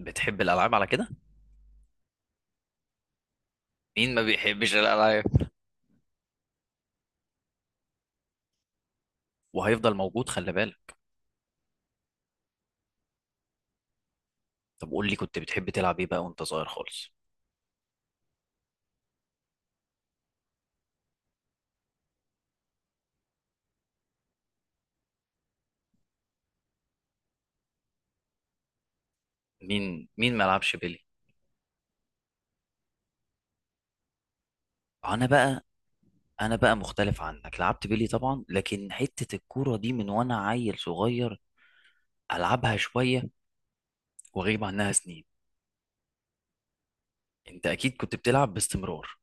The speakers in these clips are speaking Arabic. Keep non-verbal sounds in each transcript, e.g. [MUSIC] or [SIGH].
بتحب الالعاب على كده؟ مين ما بيحبش الالعاب؟ وهيفضل موجود، خلي بالك. طب قول لي، كنت بتحب تلعب ايه بقى وانت صغير خالص؟ مين مين ما لعبش بيلي؟ انا بقى انا بقى مختلف عنك، لعبت بيلي طبعا، لكن حتة الكورة دي من وانا عيل صغير العبها شوية واغيب عنها سنين. انت اكيد كنت بتلعب باستمرار.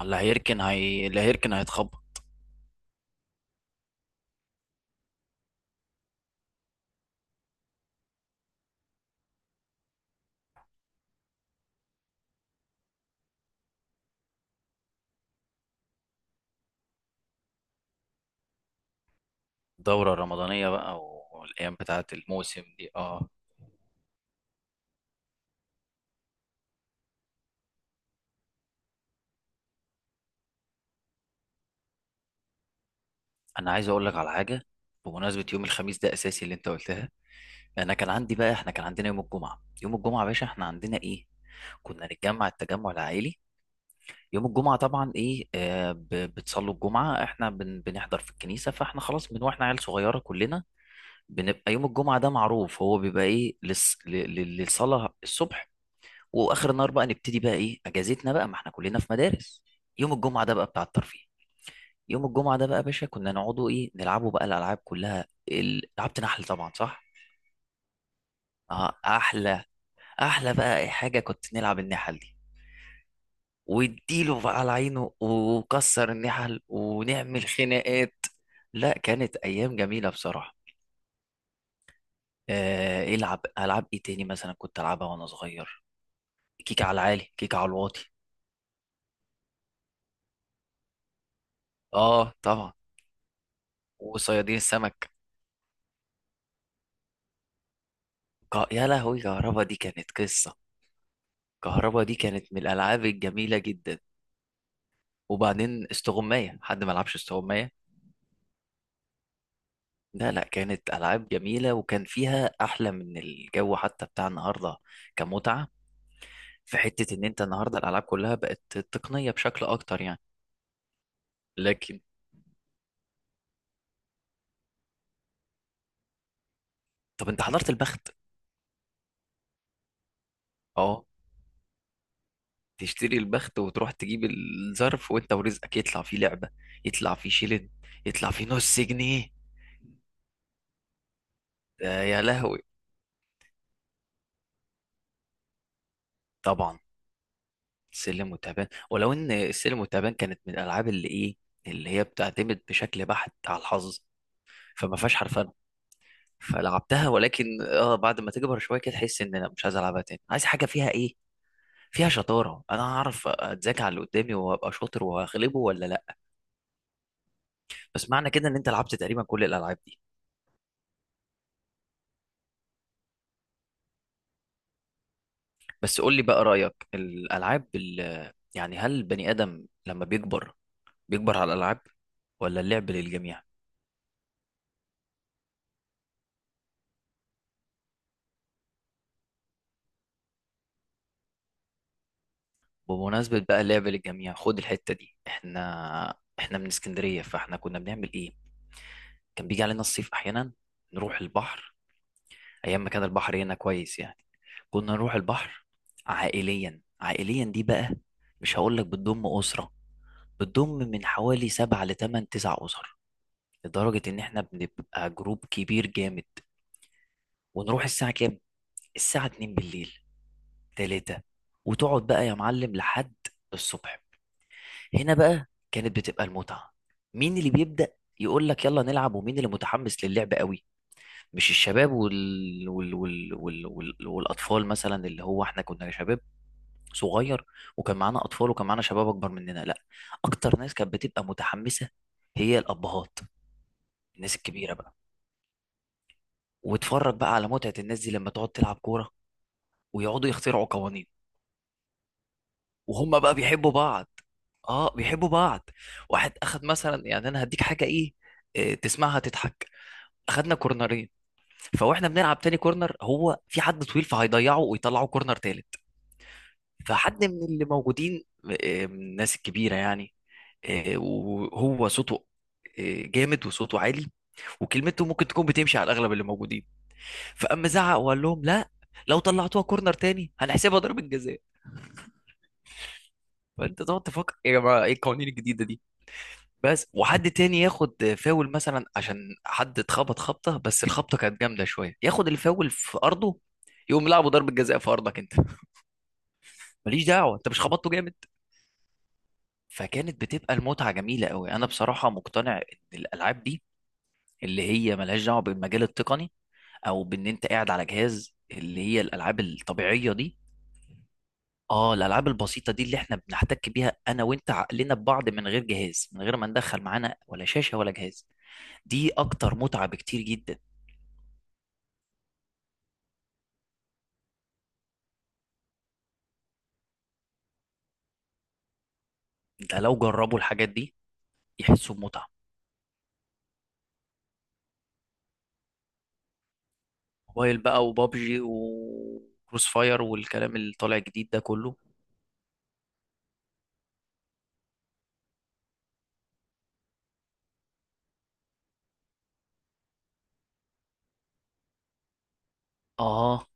اللي هيركن هيتخبط. الدورة الرمضانية بقى، والايام بتاعت الموسم دي، اه. انا عايز اقول لك على حاجة، بمناسبة يوم الخميس ده اساسي اللي انت قلتها. انا كان عندي بقى احنا كان عندنا يوم الجمعه، يوم الجمعه يا باشا احنا عندنا ايه، كنا نتجمع، التجمع العائلي. يوم الجمعه طبعا ايه بتصلوا الجمعه، احنا بنحضر في الكنيسه، فاحنا خلاص من واحنا عيال صغيره كلنا بنبقى يوم الجمعه ده معروف هو بيبقى ايه للصلاه الصبح. واخر النهار بقى نبتدي بقى ايه اجازتنا بقى، ما احنا كلنا في مدارس. يوم الجمعه ده بقى بتاع الترفيه. يوم الجمعه ده بقى يا باشا كنا نقعدوا ايه، نلعبوا بقى الالعاب كلها. لعبت نحل طبعا، صح؟ اه احلى، احلى بقى اي حاجه كنت نلعب النحل دي، واديله بقى على عينه وكسر النحل ونعمل خناقات. لا كانت ايام جميله بصراحه. العب العاب ايه تاني مثلا كنت العبها وانا صغير؟ كيك على العالي، كيك على الواطي. اه طبعا. وصيادين السمك. يا لهوي، كهربا دي كانت قصه، كهربا دي كانت من الالعاب الجميله جدا. وبعدين استغمايه، حد ما لعبش استغمايه؟ لا لا، كانت ألعاب جميلة، وكان فيها أحلى من الجو حتى بتاع النهاردة كمتعة. في حتة إن أنت النهاردة الألعاب كلها بقت تقنية بشكل أكتر يعني، لكن... طب أنت حضرت البخت؟ أه. تشتري البخت وتروح تجيب الظرف، وأنت ورزقك، يطلع فيه لعبة، يطلع فيه شيلن، يطلع فيه نص جنيه. ده يا لهوي. طبعا. سلم وتعبان، ولو إن السلم والتعبان كانت من الألعاب اللي إيه، اللي هي بتعتمد بشكل بحت على الحظ، فما فيهاش حرفيا. فلعبتها، ولكن اه بعد ما تكبر شويه كده تحس ان لا، مش عايز العبها تاني، عايز حاجه فيها ايه، فيها شطاره، انا هعرف اتذاكى على اللي قدامي وابقى شاطر وهغلبه ولا لا. بس معنى كده ان انت لعبت تقريبا كل الالعاب دي. بس قول لي بقى رايك، الالعاب يعني، هل البني ادم لما بيكبر بيكبر على الالعاب، ولا اللعب للجميع؟ بمناسبة بقى اللعب للجميع، خد الحتة دي. احنا من اسكندرية، فاحنا كنا بنعمل ايه، كان بيجي علينا الصيف احيانا نروح البحر، ايام ما كان البحر هنا كويس يعني. كنا نروح البحر عائليا. عائليا دي بقى مش هقول لك بتضم اسره، بتضم من حوالي 7 لـ8 9 اسر، لدرجه ان احنا بنبقى جروب كبير جامد. ونروح الساعه كام؟ الساعه 2 بالليل، 3. وتقعد بقى يا معلم لحد الصبح. هنا بقى كانت بتبقى المتعه. مين اللي بيبدا يقول لك يلا نلعب، ومين اللي متحمس للعب قوي؟ مش الشباب والاطفال مثلا، اللي هو احنا كنا شباب صغير، وكان معانا اطفال وكان معانا شباب اكبر مننا، لا، اكتر ناس كانت بتبقى متحمسه هي الابهات، الناس الكبيره بقى. واتفرج بقى على متعه الناس دي لما تقعد تلعب كوره، ويقعدوا يخترعوا قوانين. وهم بقى بيحبوا بعض، اه بيحبوا بعض. واحد اخد مثلا، يعني انا هديك حاجه ايه تسمعها تضحك. اخدنا كورنرين، فواحنا بنلعب تاني كورنر هو في حد طويل فهيضيعه ويطلعه كورنر تالت، فحد من اللي موجودين آه، من الناس الكبيره يعني، وهو صوته جامد، وصوته عالي، وكلمته ممكن تكون بتمشي على الاغلب اللي موجودين. فاما زعق وقال لهم لا، لو طلعتوها كورنر تاني هنحسبها ضربة جزاء. فانت تقعد تفكر يا جماعه، ايه القوانين الجديده دي؟ بس. وحد تاني ياخد فاول مثلا عشان حد اتخبط خبطه، بس الخبطه كانت جامده شويه، ياخد الفاول في ارضه، يقوم لعبه ضربة جزاء في ارضك انت. ماليش دعوه، انت مش خبطته جامد. فكانت بتبقى المتعه جميله قوي. انا بصراحه مقتنع ان الالعاب دي اللي هي ملهاش دعوه بالمجال التقني، او بان انت قاعد على جهاز، اللي هي الالعاب الطبيعيه دي. اه الالعاب البسيطه دي اللي احنا بنحتك بيها انا وانت، عقلنا ببعض، من غير جهاز، من غير ما ندخل معانا ولا شاشه ولا جهاز، دي اكتر متعه بكتير جدا. ده لو جربوا الحاجات دي يحسوا بمتعه. موبايل بقى وبابجي وكروس فاير والكلام اللي طالع جديد ده كله. اه.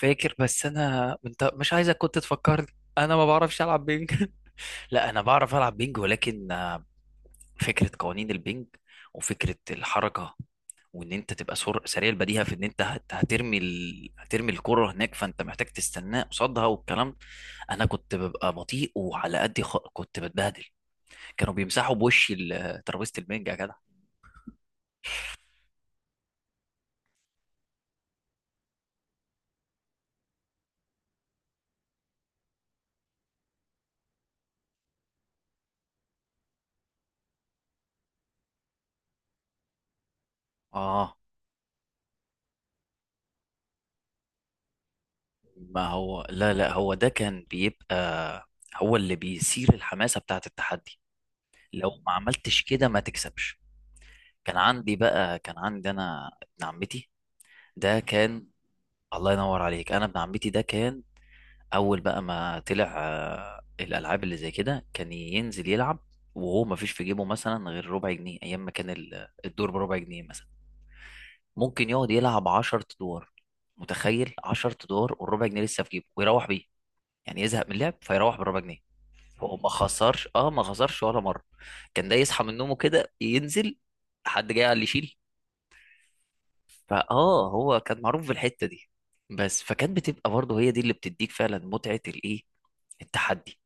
فاكر، بس انا انت مش عايزك كنت تفكرني، انا ما بعرفش العب بينج. [LAUGHS] لا انا بعرف العب بينج، ولكن فكره قوانين البنج، وفكره الحركه، وان انت تبقى سريع البديهه، في ان انت هترمي الكره هناك، فانت محتاج تستناه قصادها والكلام. انا كنت ببقى بطيء، وعلى قد كنت بتبهدل، كانوا بيمسحوا بوشي ترابيزه البنج يا جدع. اه. ما هو، لا لا، هو ده كان بيبقى هو اللي بيثير الحماسه، بتاعه التحدي، لو ما عملتش كده ما تكسبش. كان عندي انا ابن عمتي ده كان... الله ينور عليك، انا ابن عمتي ده كان اول بقى ما طلع الالعاب اللي زي كده كان ينزل يلعب، وهو ما فيش في جيبه مثلا غير ربع جنيه، ايام ما كان الدور بربع جنيه مثلا. ممكن يقعد يلعب 10 ادوار. متخيل؟ 10 ادوار والربع جنيه لسه في جيبه ويروح بيه، يعني يزهق من اللعب فيروح بالربع جنيه. هو ما خسرش، اه ما خسرش ولا مره. كان ده يصحى من نومه كده، ينزل، حد جاي قال لي شيل. فاه هو كان معروف بالحته دي بس، فكانت بتبقى برضه هي دي اللي بتديك فعلا متعه الايه، التحدي.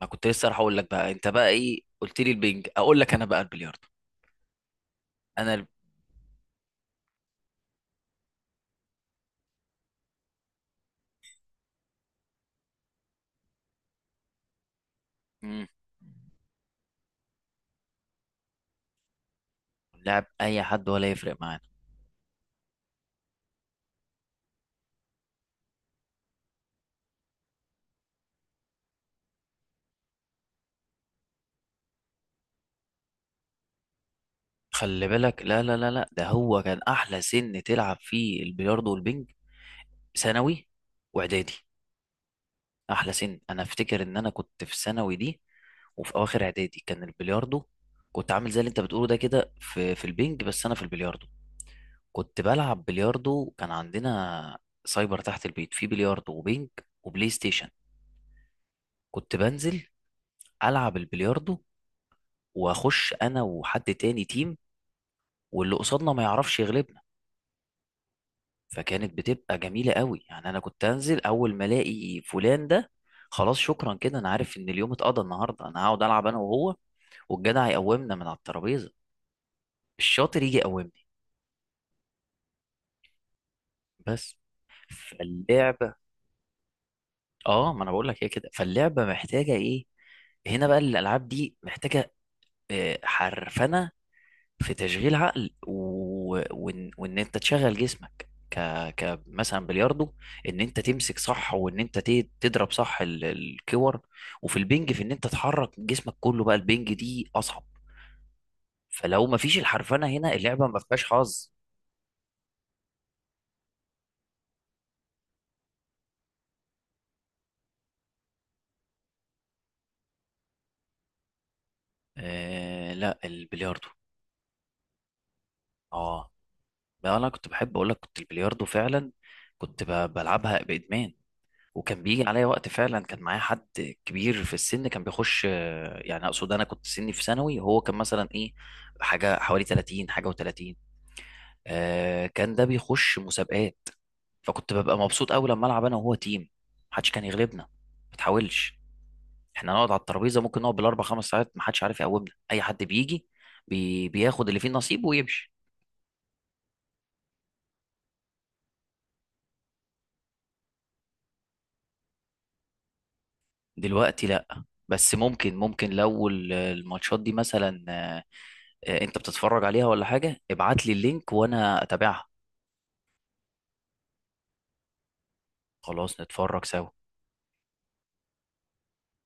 ما كنت لسه راح اقول لك بقى، انت بقى ايه قلت لي البنج، اقول لك انا بقى البلياردو. انا ال- مم، لعب اي حد ولا يفرق معانا. خلي بالك، لا لا لا لا، ده هو كان احلى سن تلعب فيه البلياردو والبنج، ثانوي واعدادي. احلى سن، انا افتكر ان انا كنت في ثانوي دي وفي اواخر اعدادي كان البلياردو. كنت عامل زي اللي انت بتقوله ده كده في في البنج، بس انا في البلياردو. كنت بلعب بلياردو، كان عندنا سايبر تحت البيت فيه بلياردو وبينج وبلاي ستيشن. كنت بنزل ألعب البلياردو، وأخش أنا وحد تاني تيم، واللي قصادنا ما يعرفش يغلبنا. فكانت بتبقى جميلة قوي يعني. أنا كنت أنزل أول ما ألاقي فلان ده، خلاص شكرا كده، أنا عارف إن اليوم اتقضى النهاردة، أنا هقعد ألعب أنا وهو، والجدع يقومنا من على الترابيزة، الشاطر يجي يقومني بس. فاللعبة، اه ما انا بقول لك هي كده، فاللعبه محتاجه ايه هنا بقى، الالعاب دي محتاجه حرفنه، في تشغيل عقل وان انت تشغل جسمك ك... ك مثلا بلياردو، ان انت تمسك صح، وان انت تضرب صح الكور. وفي البنج، في ان انت تحرك جسمك كله، بقى البنج دي اصعب. فلو ما فيش الحرفنه هنا، اللعبه ما فيهاش حظ. لا، البلياردو. اه. بقى انا كنت بحب اقول لك، كنت البلياردو فعلا، كنت بلعبها بادمان. وكان بيجي عليا وقت فعلا، كان معايا حد كبير في السن كان بيخش يعني اقصد انا كنت سني في ثانوي، وهو كان مثلا ايه، حاجه حوالي 30، حاجه و30، كان ده بيخش مسابقات. فكنت ببقى مبسوط قوي لما العب انا وهو تيم، محدش كان يغلبنا، ما تحاولش. احنا نقعد على الترابيزه، ممكن نقعد بالـ4 5 ساعات، محدش عارف يقومنا، اي حد بيجي بياخد اللي فيه نصيبه ويمشي. دلوقتي لا، بس ممكن لو الماتشات دي مثلا. انت بتتفرج عليها ولا حاجه؟ ابعت لي اللينك وانا اتابعها. خلاص، نتفرج سوا.